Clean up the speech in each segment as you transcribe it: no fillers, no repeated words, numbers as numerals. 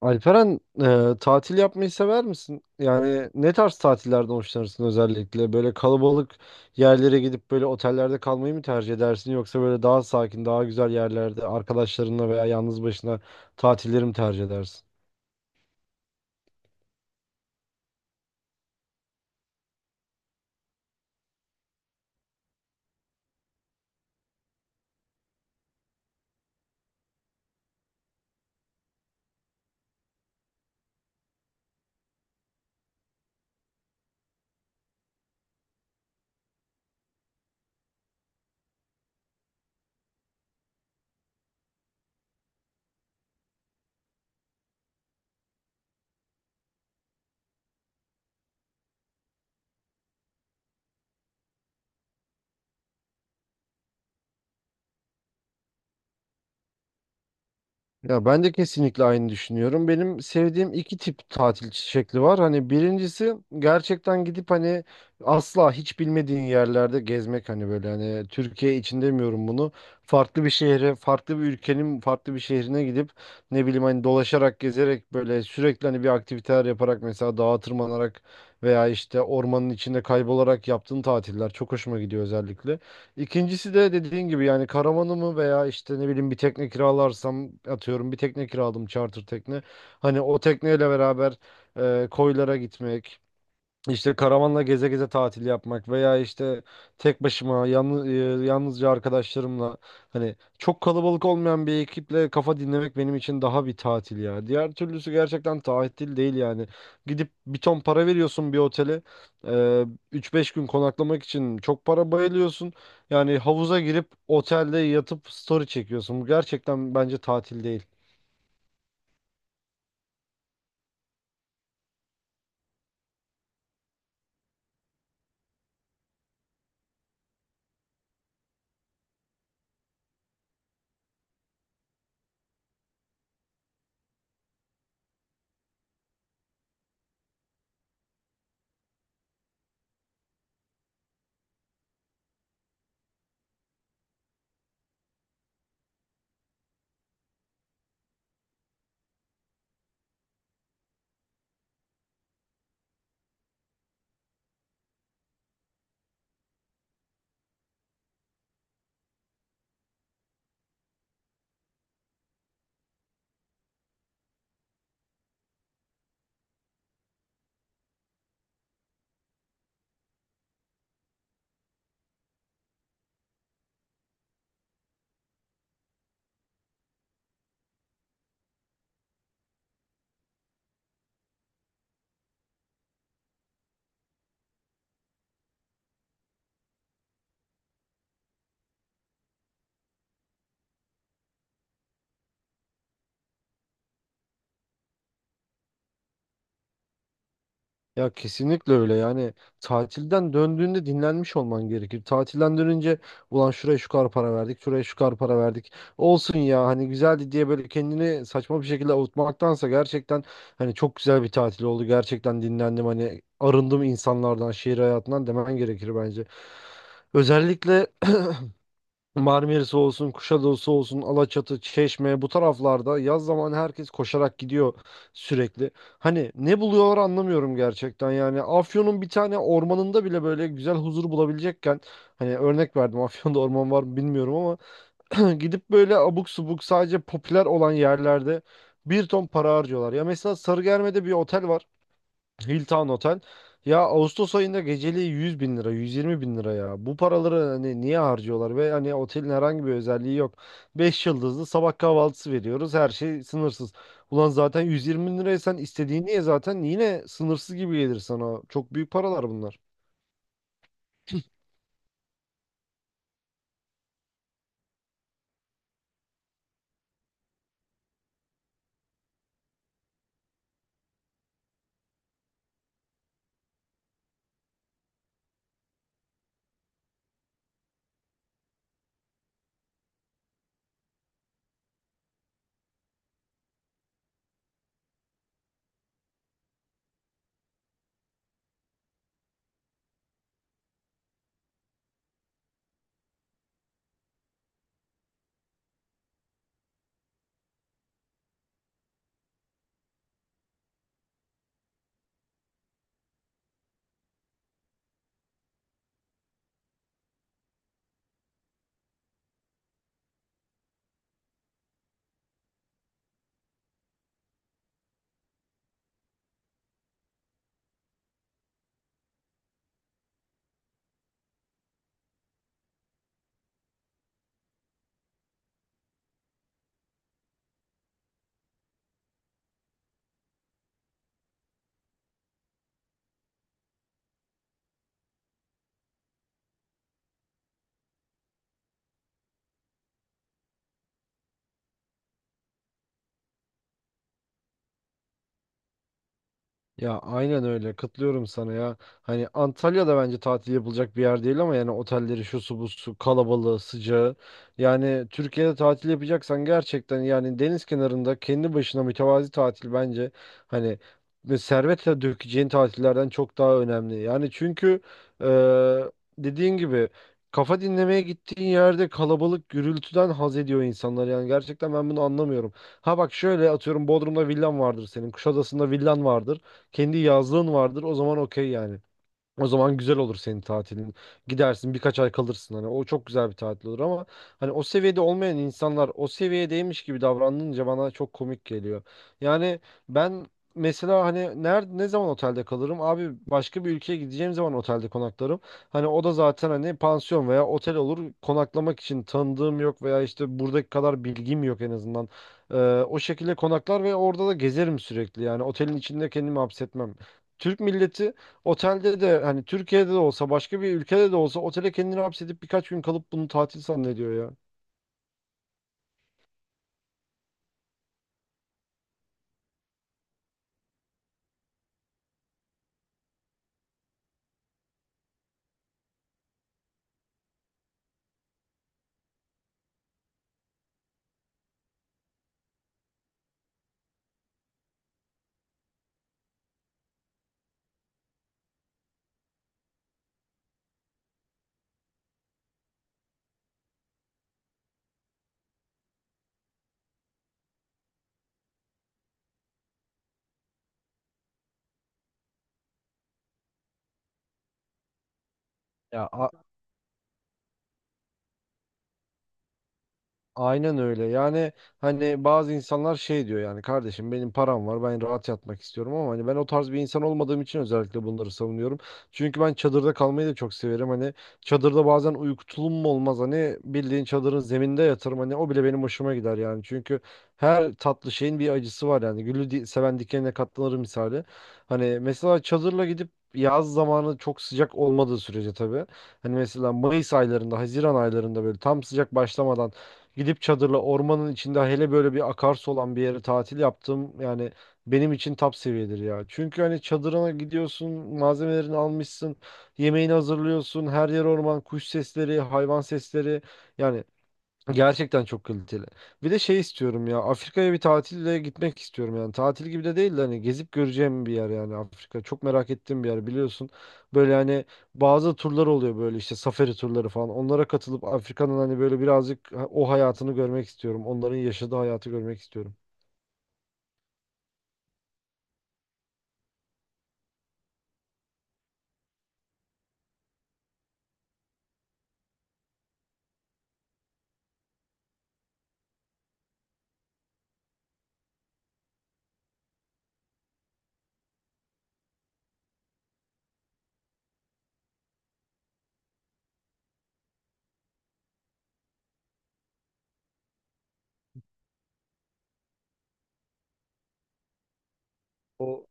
Alperen, tatil yapmayı sever misin? Yani ne tarz tatillerden hoşlanırsın özellikle? Böyle kalabalık yerlere gidip böyle otellerde kalmayı mı tercih edersin? Yoksa böyle daha sakin, daha güzel yerlerde arkadaşlarınla veya yalnız başına tatilleri mi tercih edersin? Ya ben de kesinlikle aynı düşünüyorum. Benim sevdiğim iki tip tatil şekli var. Hani birincisi gerçekten gidip hani asla hiç bilmediğin yerlerde gezmek hani böyle hani Türkiye için demiyorum bunu. Farklı bir şehre, farklı bir ülkenin farklı bir şehrine gidip ne bileyim hani dolaşarak, gezerek böyle sürekli hani bir aktiviteler yaparak mesela dağa tırmanarak veya işte ormanın içinde kaybolarak yaptığın tatiller çok hoşuma gidiyor özellikle. İkincisi de dediğin gibi yani karavanımı veya işte ne bileyim bir tekne kiralarsam atıyorum bir tekne kiraladım charter tekne. Hani o tekneyle beraber, e, koylara gitmek işte karavanla geze geze tatil yapmak veya işte tek başıma yalnız, yalnızca arkadaşlarımla hani çok kalabalık olmayan bir ekiple kafa dinlemek benim için daha bir tatil ya. Diğer türlüsü gerçekten tatil değil yani. Gidip bir ton para veriyorsun bir otele. eee, 3-5 gün konaklamak için çok para bayılıyorsun. Yani havuza girip otelde yatıp story çekiyorsun. Bu gerçekten bence tatil değil. Ya kesinlikle öyle yani tatilden döndüğünde dinlenmiş olman gerekir. Tatilden dönünce ulan şuraya şu kadar para verdik, şuraya şu kadar para verdik. Olsun ya hani güzeldi diye böyle kendini saçma bir şekilde avutmaktansa gerçekten hani çok güzel bir tatil oldu. Gerçekten dinlendim hani arındım insanlardan, şehir hayatından demen gerekir bence. Özellikle Marmaris olsun, Kuşadası olsun, Alaçatı, Çeşme bu taraflarda yaz zamanı herkes koşarak gidiyor sürekli. Hani ne buluyorlar anlamıyorum gerçekten yani. Afyon'un bir tane ormanında bile böyle güzel huzur bulabilecekken hani örnek verdim Afyon'da orman var mı bilmiyorum ama gidip böyle abuk subuk sadece popüler olan yerlerde bir ton para harcıyorlar. Ya mesela Sarıgerme'de bir otel var. Hilton Otel. Ya Ağustos ayında geceliği 100 bin lira, 120 bin lira ya. Bu paraları hani niye harcıyorlar ve hani otelin herhangi bir özelliği yok. Beş yıldızlı sabah kahvaltısı veriyoruz. Her şey sınırsız. Ulan zaten 120 bin liraya sen istediğini ye zaten yine sınırsız gibi gelir sana. Çok büyük paralar bunlar. Ya aynen öyle katılıyorum sana ya. Hani Antalya'da bence tatil yapılacak bir yer değil ama yani otelleri şu su bu su kalabalığı sıcağı. Yani Türkiye'de tatil yapacaksan gerçekten yani deniz kenarında kendi başına mütevazi tatil bence hani ve servetle dökeceğin tatillerden çok daha önemli. Yani çünkü, eee, dediğin gibi kafa dinlemeye gittiğin yerde kalabalık gürültüden haz ediyor insanlar. Yani gerçekten ben bunu anlamıyorum. Ha bak şöyle atıyorum Bodrum'da villan vardır senin. Kuşadası'nda villan vardır kendi yazlığın vardır. O zaman okey yani. O zaman güzel olur senin tatilin. Gidersin birkaç ay kalırsın hani o çok güzel bir tatil olur ama hani o seviyede olmayan insanlar o seviyedeymiş gibi davranınca bana çok komik geliyor. Yani ben mesela hani nerede ne zaman otelde kalırım? Abi başka bir ülkeye gideceğim zaman otelde konaklarım. Hani o da zaten hani pansiyon veya otel olur. Konaklamak için tanıdığım yok veya işte buradaki kadar bilgim yok en azından. Ee, O şekilde konaklar ve orada da gezerim sürekli. Yani otelin içinde kendimi hapsetmem. Türk milleti otelde de hani Türkiye'de de olsa başka bir ülkede de olsa otele kendini hapsedip birkaç gün kalıp bunu tatil zannediyor ya. Ya aynen öyle. Yani hani bazı insanlar şey diyor yani kardeşim benim param var ben rahat yatmak istiyorum ama hani ben o tarz bir insan olmadığım için özellikle bunları savunuyorum. Çünkü ben çadırda kalmayı da çok severim. Hani çadırda bazen uyku mu olmaz hani bildiğin çadırın zeminde yatırım hani o bile benim hoşuma gider yani. Çünkü her tatlı şeyin bir acısı var yani. Gülü seven dikenine katlanır misali. Hani mesela çadırla gidip yaz zamanı çok sıcak olmadığı sürece tabii. Hani mesela Mayıs aylarında, Haziran aylarında böyle tam sıcak başlamadan gidip çadırla ormanın içinde hele böyle bir akarsu olan bir yere tatil yaptım. Yani benim için top seviyedir ya. Çünkü hani çadırına gidiyorsun, malzemelerini almışsın, yemeğini hazırlıyorsun, her yer orman, kuş sesleri, hayvan sesleri. Yani gerçekten çok kaliteli. Bir de şey istiyorum ya. Afrika'ya bir tatille gitmek istiyorum yani. Tatil gibi de değil de hani gezip göreceğim bir yer yani Afrika. Çok merak ettiğim bir yer biliyorsun. Böyle hani bazı turlar oluyor böyle işte safari turları falan. Onlara katılıp Afrika'nın hani böyle birazcık o hayatını görmek istiyorum. Onların yaşadığı hayatı görmek istiyorum. O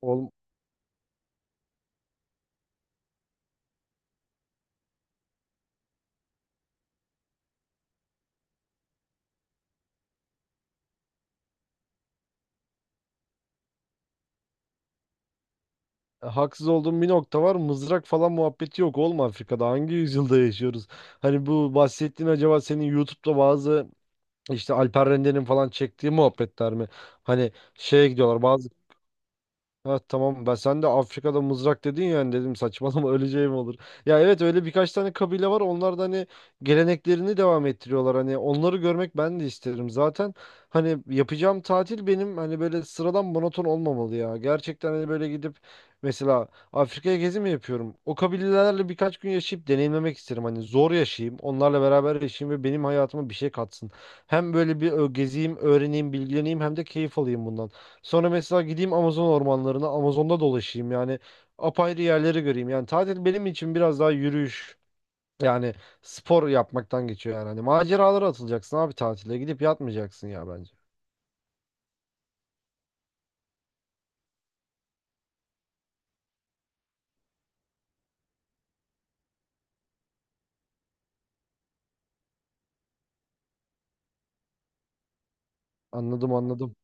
ol, haksız olduğum bir nokta var. Mızrak falan muhabbeti yok. Olma Afrika'da. Hangi yüzyılda yaşıyoruz? Hani bu bahsettiğin acaba senin YouTube'da bazı İşte Alper Rende'nin falan çektiği muhabbetler mi? Hani şeye gidiyorlar. Ha, tamam ben sen de Afrika'da mızrak dedin yani dedim saçmalama öleceğim olur. Ya evet öyle birkaç tane kabile var onlar da hani geleneklerini devam ettiriyorlar hani onları görmek ben de isterim. Zaten hani yapacağım tatil benim hani böyle sıradan monoton olmamalı ya. Gerçekten hani böyle gidip mesela Afrika'ya gezi mi yapıyorum? O kabilelerle birkaç gün yaşayıp deneyimlemek isterim. Hani zor yaşayayım onlarla beraber yaşayayım ve benim hayatıma bir şey katsın. Hem böyle bir gezeyim öğreneyim bilgileneyim hem de keyif alayım bundan. Sonra mesela gideyim Amazon ormanlarına, Amazon'da dolaşayım yani apayrı yerleri göreyim. Yani tatil benim için biraz daha yürüyüş yani spor yapmaktan geçiyor yani. Hani maceralara atılacaksın abi tatile gidip yatmayacaksın ya bence. Anladım, anladım.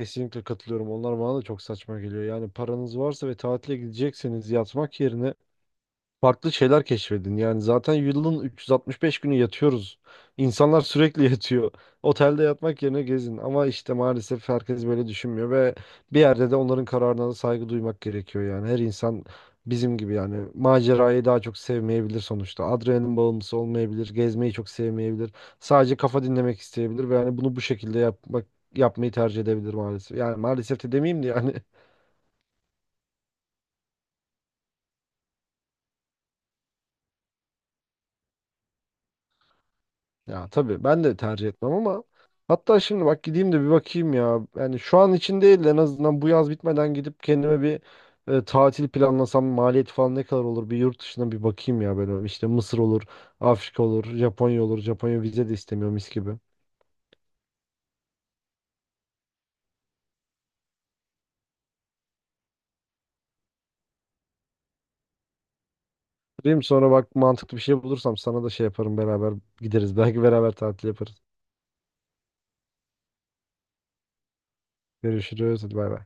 Kesinlikle katılıyorum. Onlar bana da çok saçma geliyor. Yani paranız varsa ve tatile gidecekseniz yatmak yerine farklı şeyler keşfedin. Yani zaten yılın 365 günü yatıyoruz. İnsanlar sürekli yatıyor. Otelde yatmak yerine gezin. Ama işte maalesef herkes böyle düşünmüyor ve bir yerde de onların kararına da saygı duymak gerekiyor yani. Her insan bizim gibi yani macerayı daha çok sevmeyebilir sonuçta. Adrenalin bağımlısı olmayabilir, gezmeyi çok sevmeyebilir. Sadece kafa dinlemek isteyebilir ve yani bunu bu şekilde yapmayı tercih edebilir maalesef. Yani maalesef de demeyeyim de yani ya tabii ben de tercih etmem ama hatta şimdi bak gideyim de bir bakayım ya. Yani şu an için değil de en azından bu yaz bitmeden gidip kendime bir, tatil planlasam maliyet falan ne kadar olur bir yurt dışına bir bakayım ya böyle işte Mısır olur, Afrika olur, Japonya olur. Japonya vize de istemiyor mis gibi. Diyeyim sonra bak mantıklı bir şey bulursam sana da şey yaparım beraber gideriz. Belki beraber tatil yaparız. Görüşürüz. Hadi bay bay.